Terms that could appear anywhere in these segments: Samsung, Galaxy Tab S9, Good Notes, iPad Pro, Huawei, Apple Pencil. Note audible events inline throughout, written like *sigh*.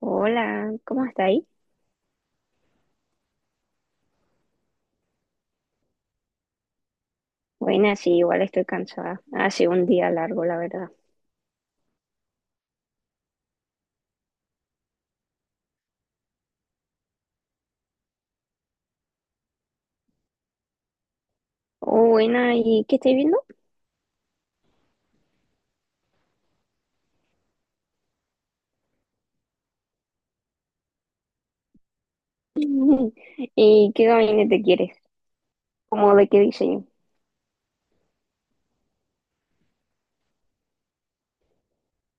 Hola, ¿cómo está ahí? Buena, sí, igual estoy cansada. Ha sido un día largo, la verdad. Oh, buena, ¿y qué estáis viendo? *laughs* ¿Y qué gabinete quieres? ¿Cómo de qué diseño?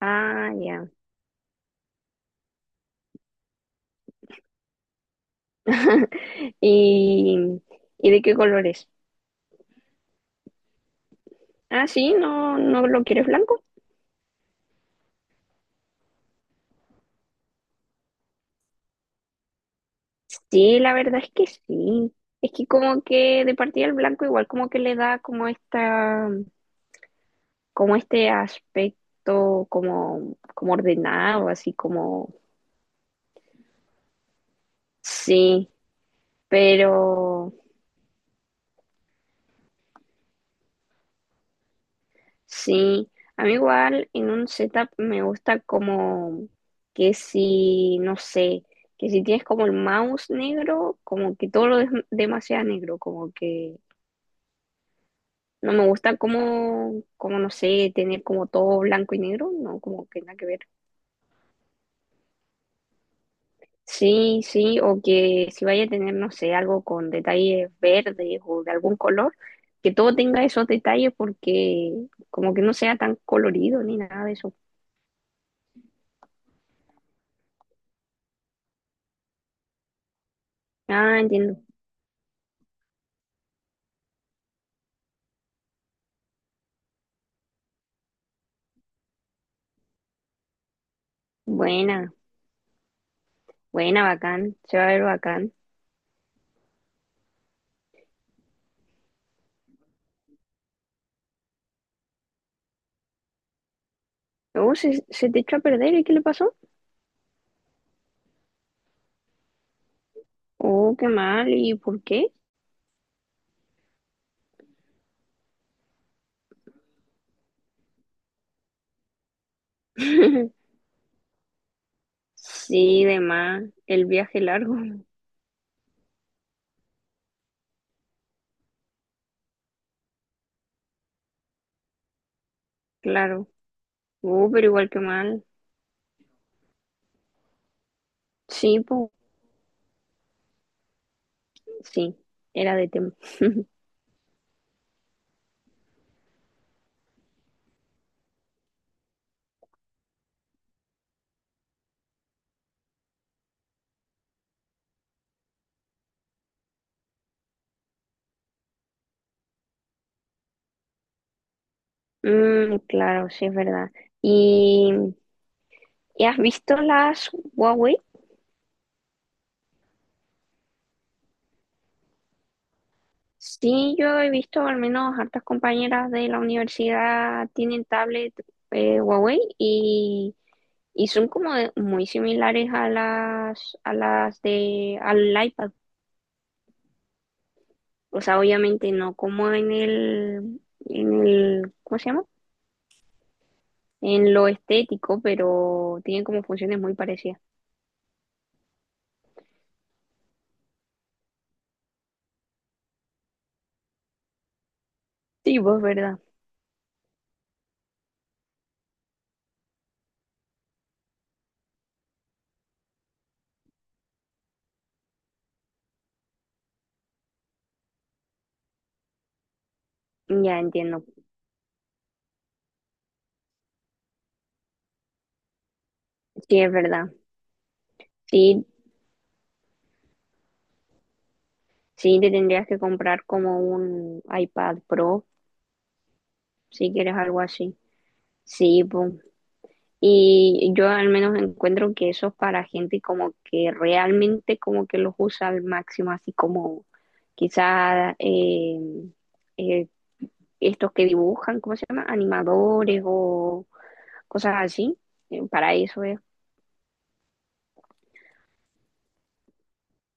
Ah, ya. *laughs* ¿Y, y de qué colores? Ah, sí, ¿no lo quieres blanco? Sí, la verdad es que sí. Es que como que de partida el blanco igual como que le da como esta, como este aspecto como, como ordenado, así como. Sí, pero sí, a mí igual en un setup me gusta como que si, no sé, que si tienes como el mouse negro, como que todo lo es demasiado negro, como que no me gusta como, como no sé, tener como todo blanco y negro, no, como que nada que ver. Sí, sí, o que si vaya a tener, no sé, algo con detalles verdes o de algún color, que todo tenga esos detalles porque como que no sea tan colorido ni nada de eso. Ah, entiendo. Buena, buena, bacán, se va a ver bacán. Oh, se te echó a perder, ¿y qué le pasó? Oh, qué mal, ¿y por qué? *laughs* Sí, de más, el viaje largo. *laughs* claro. Oh, pero igual que mal. Sí, po, sí, era de tema. Mm, claro, sí, es verdad. ¿Y, ¿y has visto las Huawei? Sí, yo he visto al menos hartas compañeras de la universidad tienen tablet Huawei y… Y son como muy similares a las de, al iPad. O sea, obviamente no como en el, ¿cómo se llama? En lo estético, pero tienen como funciones muy parecidas. Sí, pues verdad. Ya entiendo. Sí, es verdad. Sí, sí, te tendrías que comprar como un iPad Pro si quieres algo así. Sí, pues. Y yo al menos encuentro que eso es para gente como que realmente como que los usa al máximo, así como quizá eh, estos que dibujan, ¿cómo se llama? Animadores o cosas así. Para eso es.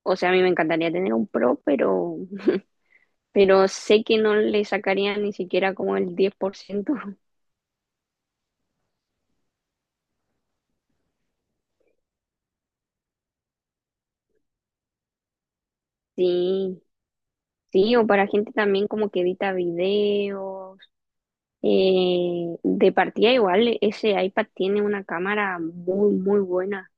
O sea, a mí me encantaría tener un pro, pero sé que no le sacaría ni siquiera como el 10%. *laughs* Sí, sí, o para gente también como que edita videos. De partida igual, ese iPad tiene una cámara muy, muy buena.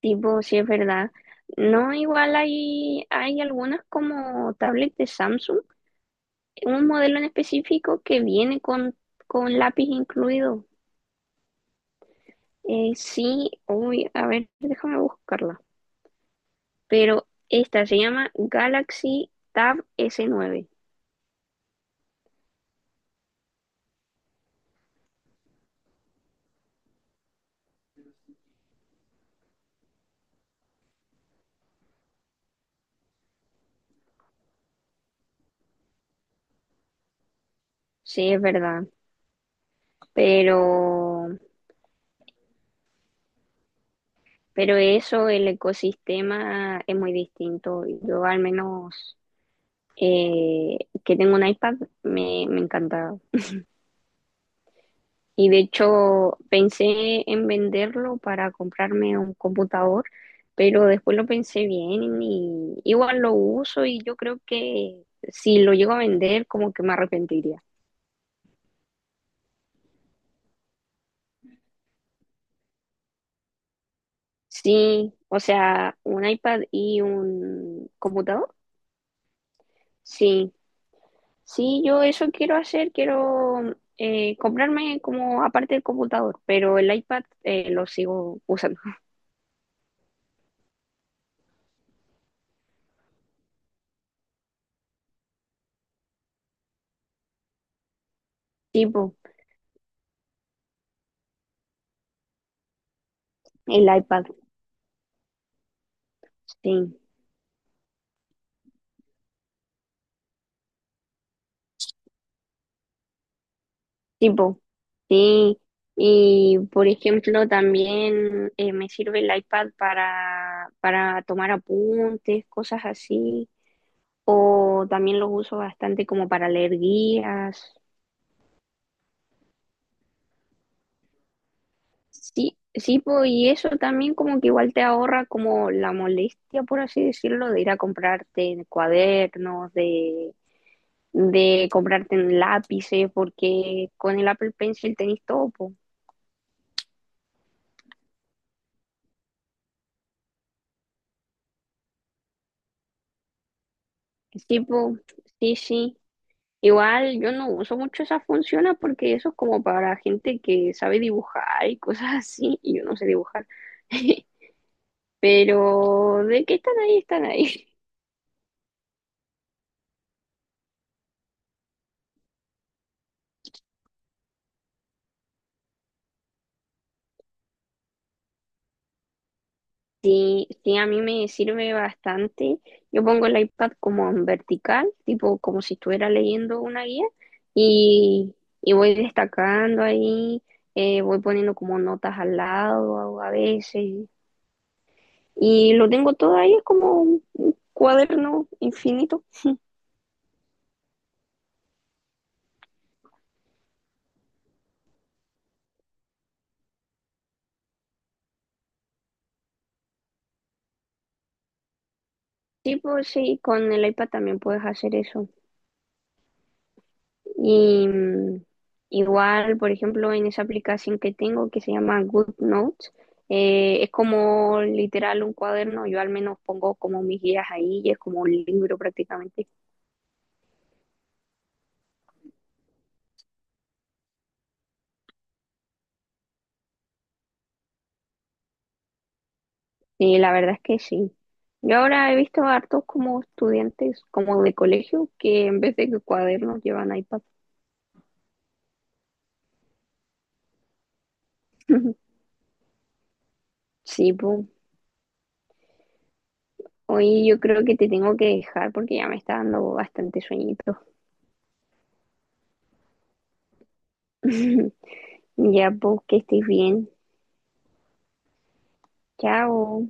Tipo, si es verdad. No, igual hay, hay algunas como tablet de Samsung, un modelo en específico que viene con lápiz incluido. Sí, uy, a ver, déjame buscarla. Pero esta se llama Galaxy Tab S9. Sí, es verdad. Pero Pero eso, el ecosistema es muy distinto. Yo al menos eh, que tengo un iPad me encanta. Y de hecho pensé en venderlo para comprarme un computador, pero después lo pensé bien y igual lo uso y yo creo que si lo llego a vender como que me arrepentiría. Sí, o sea, un iPad y un computador. Sí, sí, yo eso quiero hacer, quiero comprarme como aparte del computador, pero el iPad lo sigo usando. Tipo, el iPad, sí, tipo, sí. Y por ejemplo, también me sirve el iPad para tomar apuntes, cosas así, o también lo uso bastante como para leer guías. Sí, sí, po, y eso también como que igual te ahorra como la molestia, por así decirlo, de ir a comprarte cuadernos, de comprarte lápices, porque con el Apple Pencil tenés todo, po. Sí, po, sí, sí. Igual yo no uso mucho esas funciones porque eso es como para gente que sabe dibujar y cosas así, y yo no sé dibujar. *laughs* Pero de que están ahí, están ahí. Sí, sí, a mí me sirve bastante. Yo pongo el iPad como en vertical, tipo como si estuviera leyendo una guía y, y voy destacando ahí, voy poniendo como notas al lado a veces y lo tengo todo ahí, es como un cuaderno infinito. Sí, pues sí, con el iPad también puedes hacer eso. Y igual, por ejemplo, en esa aplicación que tengo que se llama Good Notes, es como literal un cuaderno, yo al menos pongo como mis guías ahí y es como un libro prácticamente. Y la verdad es que sí. Yo ahora he visto a hartos como estudiantes, como de colegio, que en vez de cuadernos llevan iPad. *laughs* Sí, pues. Hoy yo creo que te tengo que dejar porque ya me está dando bastante sueñito. *laughs* Ya, pues, que estés bien. Chao.